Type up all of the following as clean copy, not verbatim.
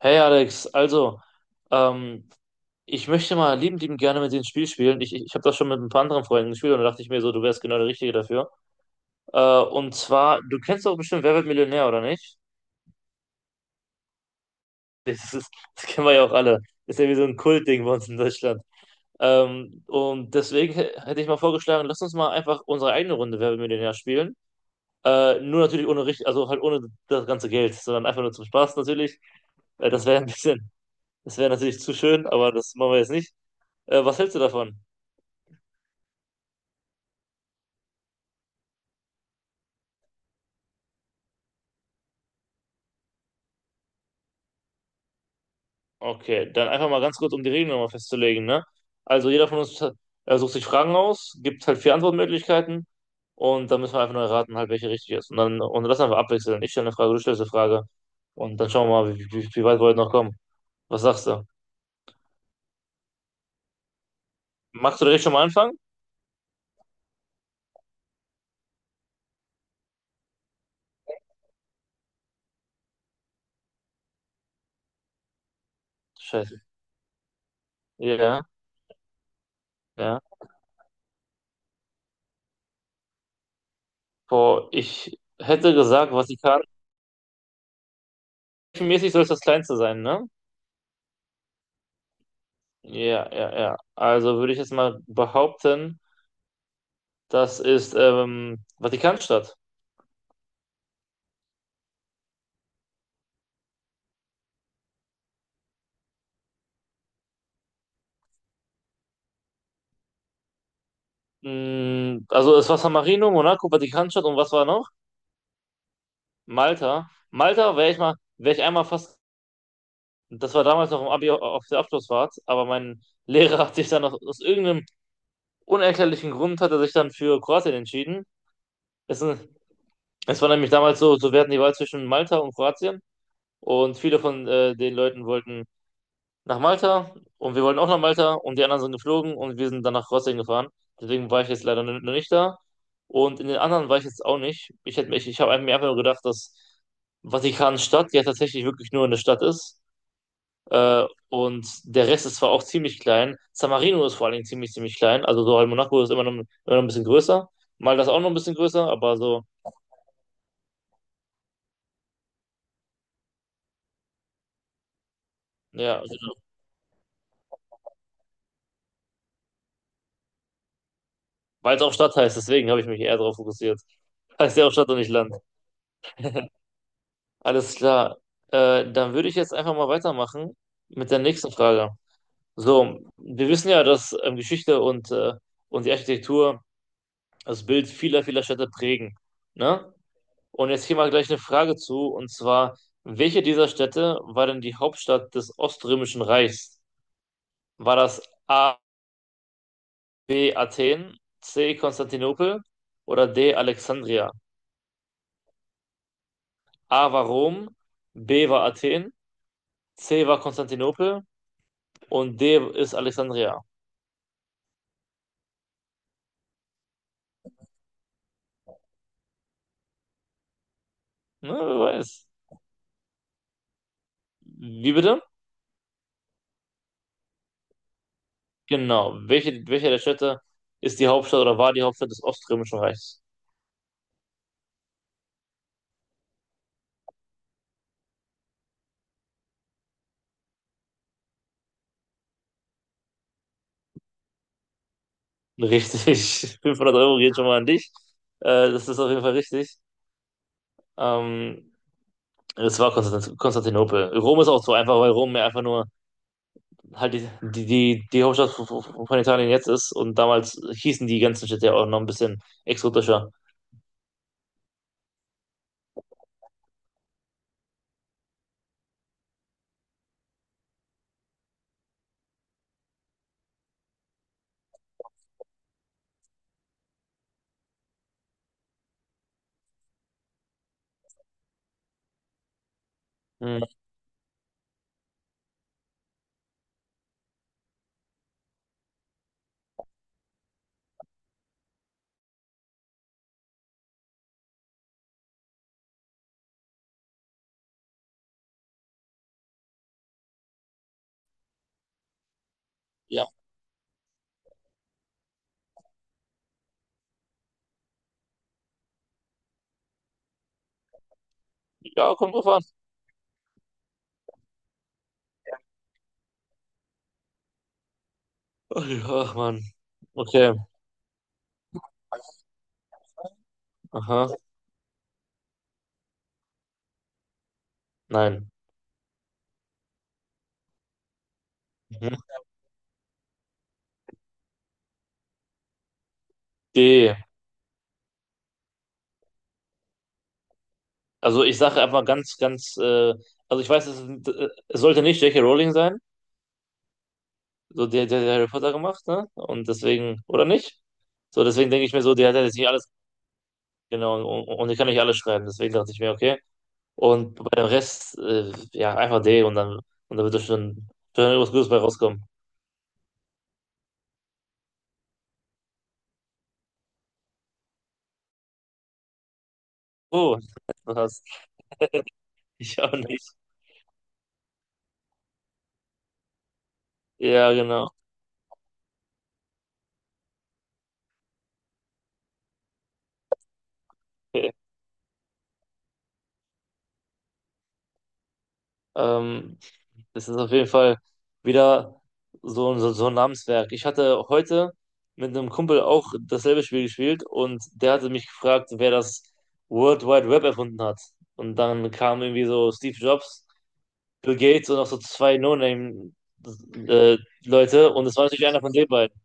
Hey Alex, also, ähm, ich möchte mal liebend, liebend gerne mit dir ein Spiel spielen. Ich habe das schon mit ein paar anderen Freunden gespielt und da dachte ich mir so, du wärst genau der Richtige dafür. Und zwar, du kennst doch bestimmt Wer wird Millionär, oder nicht? Das ist, Das kennen wir ja auch alle. Ist ja wie so ein Kultding bei uns in Deutschland. Und deswegen hätte ich mal vorgeschlagen, lass uns mal einfach unsere eigene Runde Wer wird Millionär spielen. Nur natürlich ohne richtig, also halt ohne das ganze Geld, sondern einfach nur zum Spaß natürlich. Äh, das wäre ein bisschen, Das wäre natürlich zu schön, aber das machen wir jetzt nicht. Was hältst du davon? Okay, dann einfach mal ganz kurz, um die Regeln nochmal festzulegen, ne? Also jeder von uns sucht sich Fragen aus, gibt halt vier Antwortmöglichkeiten und dann müssen wir einfach nur erraten, halt, welche richtig ist. Und dann und das einfach abwechseln. Ich stelle eine Frage, du stellst eine Frage und dann schauen wir mal, wie weit wir heute noch kommen. Was sagst du? Magst du direkt schon mal anfangen? Scheiße. Ja, ja. Boah, ich hätte gesagt, Vatikan. Mäßig soll es das Kleinste sein, ne? Ja, ja, ja. Also würde ich jetzt mal behaupten, das ist Vatikanstadt. Also es war San Marino, Monaco, Vatikanstadt und was war noch? Malta. Malta wäre ich einmal fast, das war damals noch im Abi auf der Abschlussfahrt, aber mein Lehrer hat sich dann aus irgendeinem unerklärlichen Grund hat er sich dann für Kroatien entschieden. Es war nämlich damals so, wir hatten die Wahl zwischen Malta und Kroatien und viele von den Leuten wollten nach Malta und wir wollten auch nach Malta und die anderen sind geflogen und wir sind dann nach Kroatien gefahren. Deswegen war ich jetzt leider noch nicht da und in den anderen war ich jetzt auch nicht. Ich habe mir einfach nur gedacht, dass Vatikanstadt ja tatsächlich wirklich nur eine Stadt ist. Und der Rest ist zwar auch ziemlich klein. San Marino ist vor allen Dingen ziemlich, ziemlich klein. Also so halt Monaco ist immer noch ein bisschen größer. Malta ist auch noch ein bisschen größer, aber so, ja, genau. Weil es auch Stadt heißt, deswegen habe ich mich eher darauf fokussiert. Heißt ja auch Stadt und nicht Land. Alles klar. Dann würde ich jetzt einfach mal weitermachen mit der nächsten Frage. So, wir wissen ja, dass Geschichte und die Architektur das Bild vieler, vieler Städte prägen. Ne? Und jetzt hier mal gleich eine Frage zu, und zwar, welche dieser Städte war denn die Hauptstadt des Oströmischen Reichs? War das A, B, Athen, C, Konstantinopel oder D, Alexandria? A war Rom, B war Athen, C war Konstantinopel und D ist Alexandria. Na, wer weiß. Wie bitte? Genau. Welche der Städte ist die Hauptstadt oder war die Hauptstadt des Oströmischen Reichs? Richtig. 500 Euro geht schon mal an dich. Das ist auf jeden Fall richtig. Ähm, Es war Konstantinopel. Rom ist auch so einfach, weil Rom ja einfach nur halt die Hauptstadt von Italien jetzt ist. Und damals hießen die ganzen Städte ja auch noch ein bisschen exotischer. Hm, ja. Ja, kommt drauf an. Ach Mann. Okay. Aha. Nein. Mhm. D. Also ich sage einfach ganz, ganz, also ich weiß, es sollte nicht J. K. Rowling sein, so der Harry Potter gemacht, ne? Und deswegen, oder nicht? So, deswegen denke ich mir so, der hat ja jetzt nicht alles, genau, und ich kann nicht alles schreiben, deswegen dachte ich mir, okay. Und bei dem Rest, ja, einfach D und dann wird da schon irgendwas Gutes bei rauskommen. Oh, was? Ich auch nicht. Ja, genau. Okay. Ähm, Das ist auf jeden Fall wieder so ein Namenswerk. Ich hatte heute mit einem Kumpel auch dasselbe Spiel gespielt und der hatte mich gefragt, wer das World Wide Web erfunden hat. Und dann kamen irgendwie so Steve Jobs, Bill Gates und auch so zwei No-Name-Leute und es war natürlich einer von den beiden.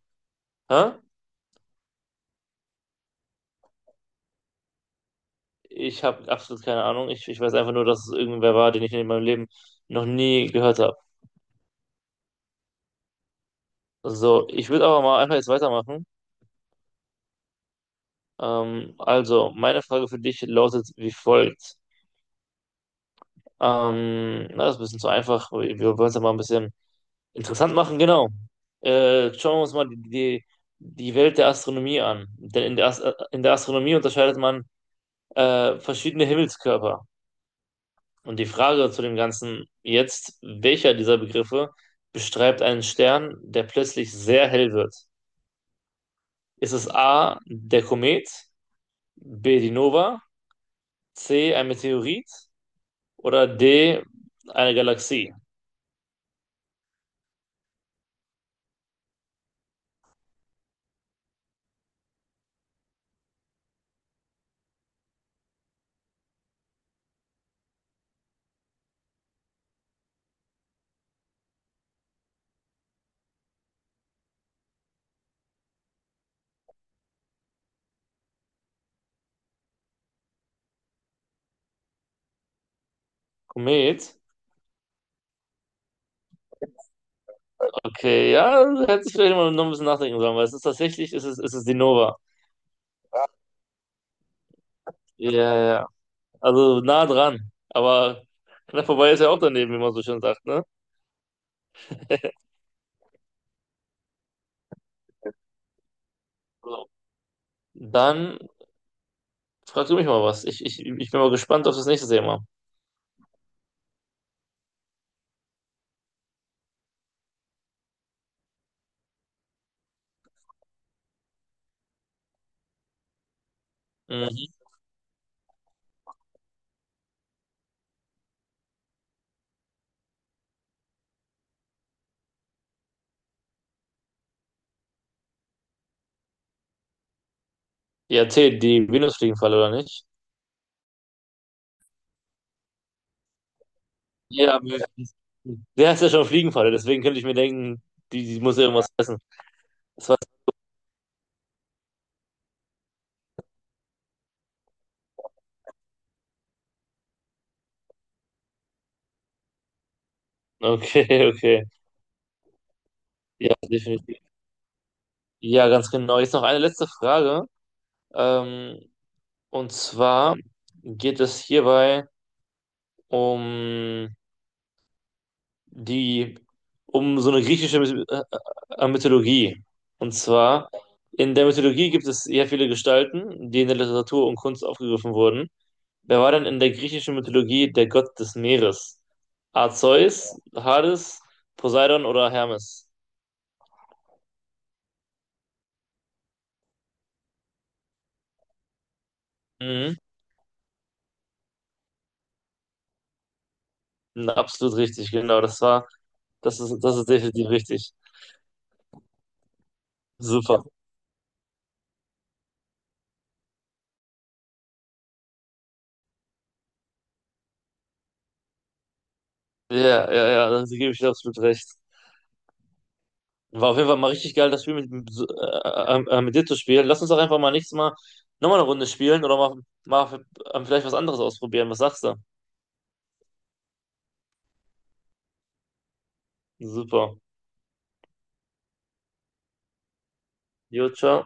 Hä? Ich habe absolut keine Ahnung. Ich weiß einfach nur, dass es irgendwer war, den ich in meinem Leben noch nie gehört habe. So, ich würde aber mal einfach jetzt weitermachen. Also, meine Frage für dich lautet wie folgt. Na, das ist ein bisschen zu einfach. Wir wollen es ja mal ein bisschen interessant machen, genau. Schauen wir uns mal die Welt der Astronomie an. Denn in der Astronomie unterscheidet man verschiedene Himmelskörper. Und die Frage zu dem Ganzen jetzt, welcher dieser Begriffe beschreibt einen Stern, der plötzlich sehr hell wird? Ist es A, der Komet, B, die Nova, C, ein Meteorit? Oder D, eine Galaxie. Komet. Okay, ja, hätte ich vielleicht mal noch ein bisschen nachdenken sollen, weil es ist die Nova. Ja, ja. Ja. Also nah dran. Aber knapp vorbei ist ja auch daneben, wie man so schön sagt, ne? So. Dann fragst du mich mal was. Ich bin mal gespannt auf das nächste Thema. Mhm. Ja, T, die Venusfliegenfalle, oder nicht? Ja, aber der ist ja schon Fliegenfalle, deswegen könnte ich mir denken, die muss ja irgendwas essen. Das war's. Okay, okay. Ja, definitiv. Ja, ganz genau. Jetzt noch eine letzte Frage. Ähm, und zwar geht es hierbei um die, um so eine griechische Mythologie. Und zwar, in der Mythologie gibt es sehr viele Gestalten, die in der Literatur und Kunst aufgegriffen wurden. Wer war denn in der griechischen Mythologie der Gott des Meeres? A. Zeus, Hades, Poseidon oder Hermes? Mhm. Absolut richtig, genau. Das ist definitiv richtig. Super. Ja, ja, ja, da gebe ich dir absolut recht. War auf jeden Fall mal richtig geil, das Spiel so, mit dir zu spielen. Lass uns doch einfach mal nächstes Mal nochmal eine Runde spielen oder mal vielleicht was anderes ausprobieren. Was sagst du? Super. Jo, ciao.